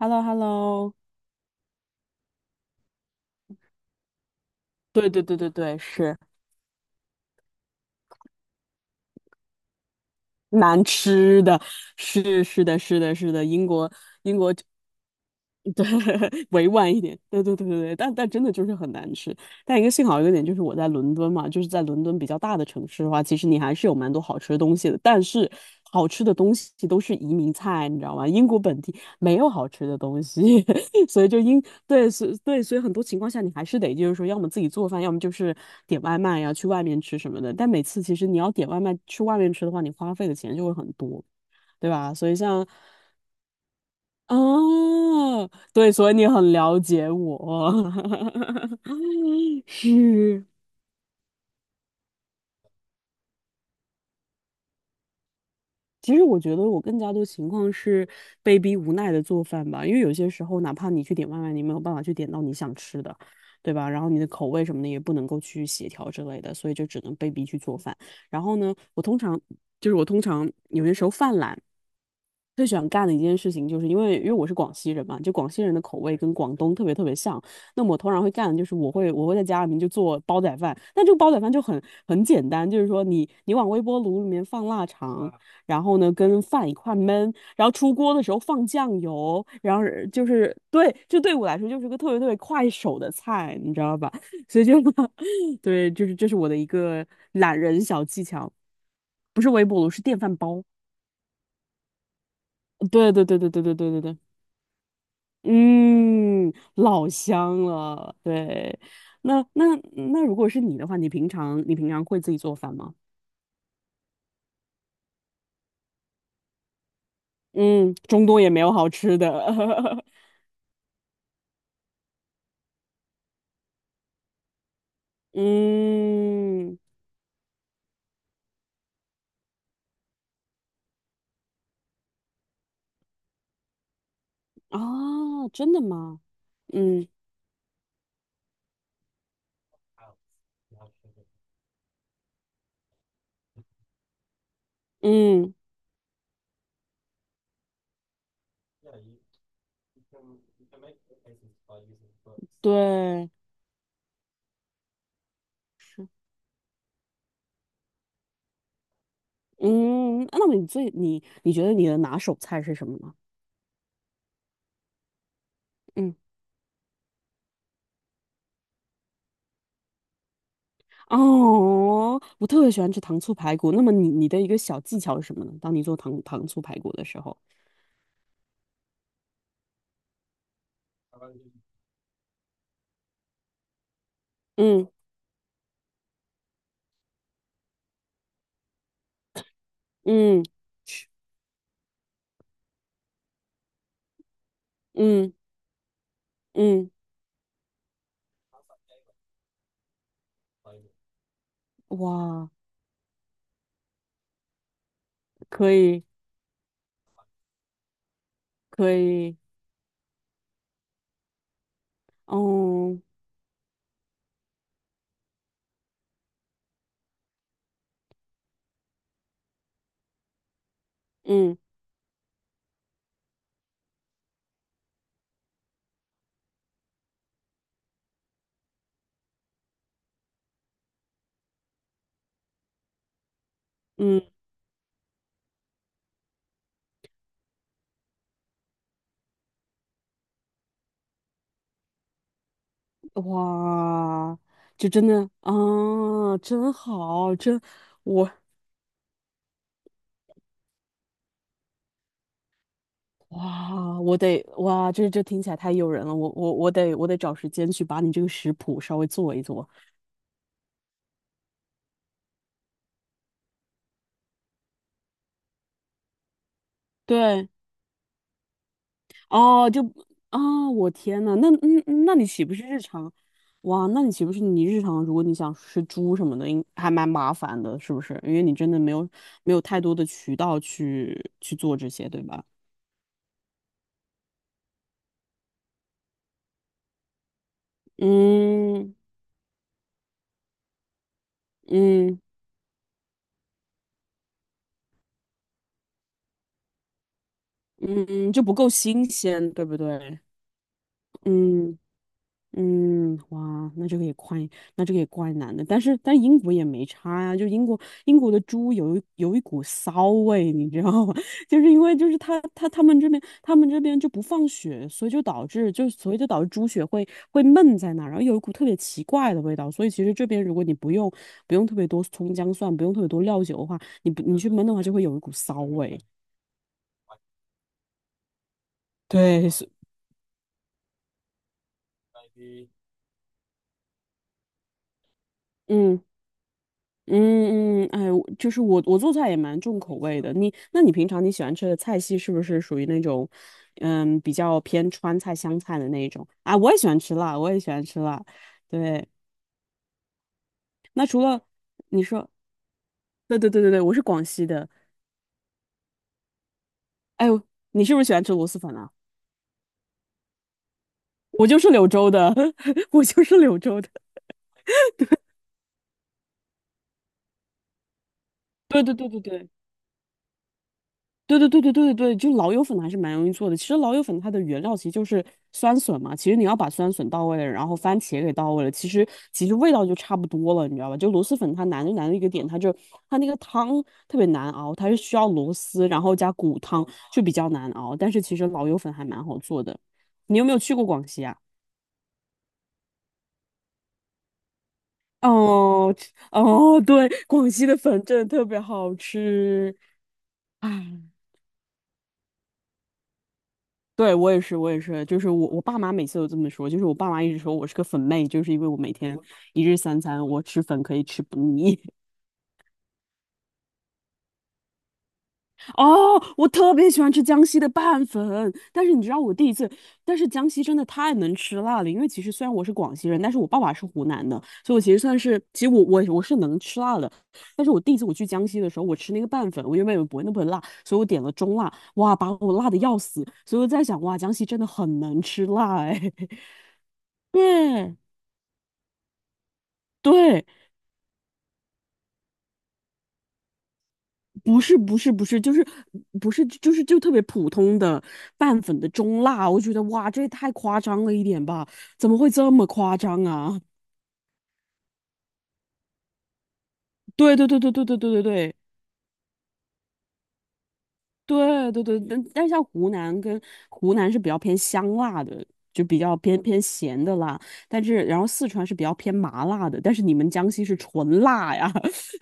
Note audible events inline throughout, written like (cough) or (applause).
Hello hello 对对对对对，是难吃的。是的，是的，是的，英国，对。 (laughs)，委婉一点。对对对对对，但真的就是很难吃。但一个幸好一个点就是我在伦敦嘛，就是在伦敦比较大的城市的话，其实你还是有蛮多好吃的东西的。但是好吃的东西都是移民菜，你知道吗？英国本地没有好吃的东西。(laughs) 所以就英对，所对，所以很多情况下你还是得就是说，要么自己做饭，要么就是点外卖呀、去外面吃什么的。但每次其实你要点外卖去外面吃的话，你花费的钱就会很多，对吧？所以像哦，对，所以你很了解我。(laughs) 是。其实我觉得我更加多情况是被逼无奈的做饭吧，因为有些时候哪怕你去点外卖，你没有办法去点到你想吃的，对吧？然后你的口味什么的也不能够去协调之类的，所以就只能被逼去做饭。然后呢，我通常有些时候犯懒，最喜欢干的一件事情，就是因为我是广西人嘛，就广西人的口味跟广东特别特别像。那么我通常会干的就是我会在家里面就做煲仔饭，但这个煲仔饭就很简单，就是说你往微波炉里面放腊肠，然后呢跟饭一块焖，然后出锅的时候放酱油，然后就是对，就对我来说就是个特别特别快手的菜，你知道吧？(laughs) 所以就 (laughs) 对，就是这是我的一个懒人小技巧。不是微波炉，是电饭煲。对对对对对对对对对。嗯，老香了，对。那那如果是你的话，你平常会自己做饭吗？嗯，中东也没有好吃的。(laughs) 嗯，啊，真的吗？嗯嗯，对，是。嗯，那么你觉得你的拿手菜是什么呢？嗯。哦，我特别喜欢吃糖醋排骨。那么你的一个小技巧是什么呢？当你做糖醋排骨的时候，嗯嗯嗯嗯，哇，可以可以，哦，嗯嗯，哇，就真的啊，真好。真我哇，我得哇，这听起来太诱人了，我得找时间去把你这个食谱稍微做一做。对，哦，我天呐。那嗯，嗯那你岂不是日常？哇，那你岂不是你日常？如果你想吃猪什么的，应还蛮麻烦的，是不是？因为你真的没有太多的渠道去做这些，对吧？嗯嗯嗯嗯，就不够新鲜，对不对？嗯嗯，哇，那这个也怪，那这个也怪难的。但是，英国也没差呀、就英国的猪有一股骚味，你知道吗？(laughs) 就是因为他们这边就不放血，所以就导致猪血会闷在那儿，然后有一股特别奇怪的味道。所以其实这边如果你不用特别多葱姜蒜，不用特别多料酒的话，你不你去焖的话就会有一股骚味。对，是嗯嗯嗯，哎，我就是我，我做菜也蛮重口味的。那你平常你喜欢吃的菜系是不是属于那种，比较偏川菜、湘菜的那一种啊？我也喜欢吃辣，我也喜欢吃辣。对，那除了你说，对对对对对，我是广西的。哎呦，你是不是喜欢吃螺蛳粉啊？我就是柳州的。(laughs) 我就是柳州的。(laughs) 对对对对对。对对对对对对，就老友粉还是蛮容易做的。其实老友粉它的原料其实就是酸笋嘛，其实你要把酸笋到位了，然后番茄给到位了，其实味道就差不多了，你知道吧？就螺蛳粉它难就难的一个点，它那个汤特别难熬，它是需要螺丝，然后加骨汤就比较难熬。但是其实老友粉还蛮好做的。你有没有去过广西啊？哦哦，对，广西的粉真的特别好吃。唉。对，我也是，我也是，我爸妈每次都这么说，就是我爸妈一直说我是个粉妹，就是因为我每天一日三餐我吃粉可以吃不腻。(laughs) 哦，我特别喜欢吃江西的拌粉，但是你知道我第一次，但是江西真的太能吃辣了，因为其实虽然我是广西人，但是我爸爸是湖南的，所以我其实算是，其实我是能吃辣的，但是我第一次我去江西的时候，我吃那个拌粉，我原本以为不会那么辣，所以我点了中辣，哇，把我辣的要死，所以我在想，哇，江西真的很能吃辣哎。(laughs) 对。对，不是不是不是，就是不是就是就特别普通的拌粉的中辣，我觉得哇，这也太夸张了一点吧？怎么会这么夸张啊？(laughs) 对对对对对对对对对对对对，但像湖南跟湖南是比较偏香辣的，就比较偏咸的辣，但是然后四川是比较偏麻辣的，但是你们江西是纯辣呀。(laughs)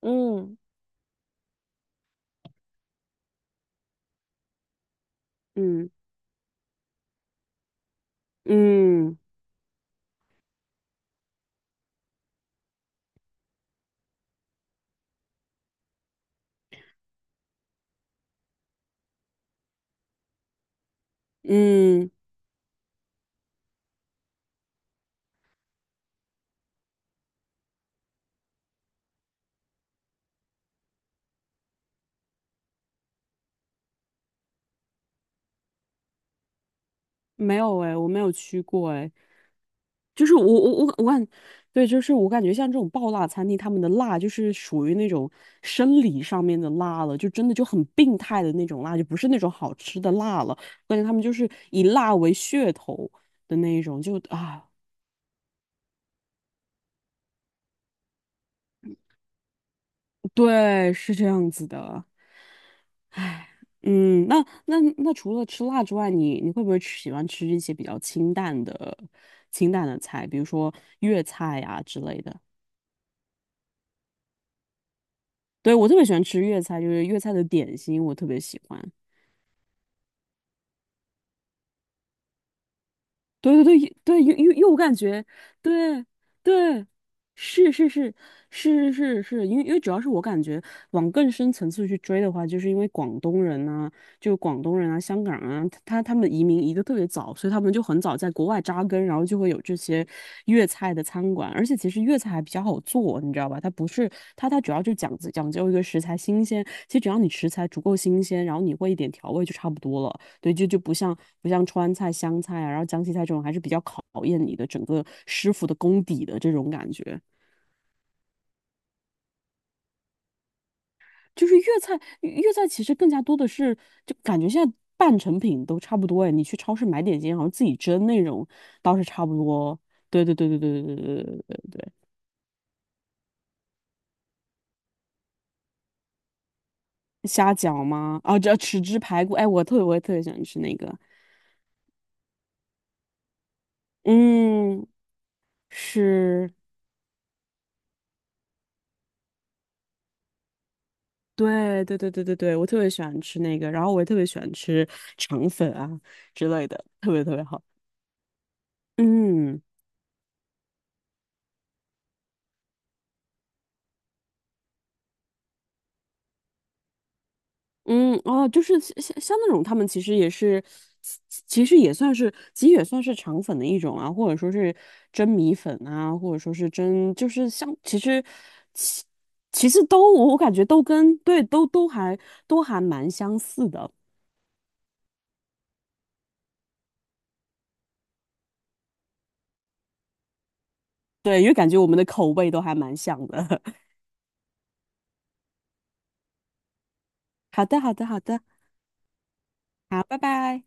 嗯。嗯嗯嗯。没有哎，我没有去过哎，就是我我我我感，对，我感觉像这种爆辣餐厅，他们的辣就是属于那种生理上面的辣了，就真的就很病态的那种辣，就不是那种好吃的辣了。我感觉他们就是以辣为噱头的那一种。对，是这样子的。唉，嗯，那那除了吃辣之外，你会不会吃喜欢吃一些比较清淡的菜，比如说粤菜呀、之类的？对，我特别喜欢吃粤菜，就是粤菜的点心，我特别喜欢。对对对对，我感觉，对对，是是是是是是，是，因为主要是我感觉往更深层次去追的话，就是因为广东人啊，就广东人啊、香港人啊，他们移民移得特别早，所以他们就很早在国外扎根，然后就会有这些粤菜的餐馆，而且其实粤菜还比较好做，你知道吧？它不是它主要就讲究一个食材新鲜，其实只要你食材足够新鲜，然后你会一点调味就差不多了。对，就不像川菜、湘菜啊，然后江西菜这种，还是比较考验你的整个师傅的功底的这种感觉。就是粤菜，粤菜其实更加多的是，就感觉现在半成品都差不多哎。你去超市买点心，好像自己蒸那种倒是差不多。对对对对对对对对对对对，虾饺吗？啊，这豉汁排骨，哎，我也特别喜欢吃那个。嗯，是。对对对对对对，我特别喜欢吃那个，然后我也特别喜欢吃肠粉啊之类的，特别特别好。嗯嗯，哦，就是像那种他们其实也是，其其实也算是肠粉的一种啊，或者说是蒸米粉啊，或者说是蒸，就是像其实其其实都我感觉都跟对都都还都还蛮相似的。对，因为感觉我们的口味都还蛮像的。(laughs) 好的好的好的，好，拜拜。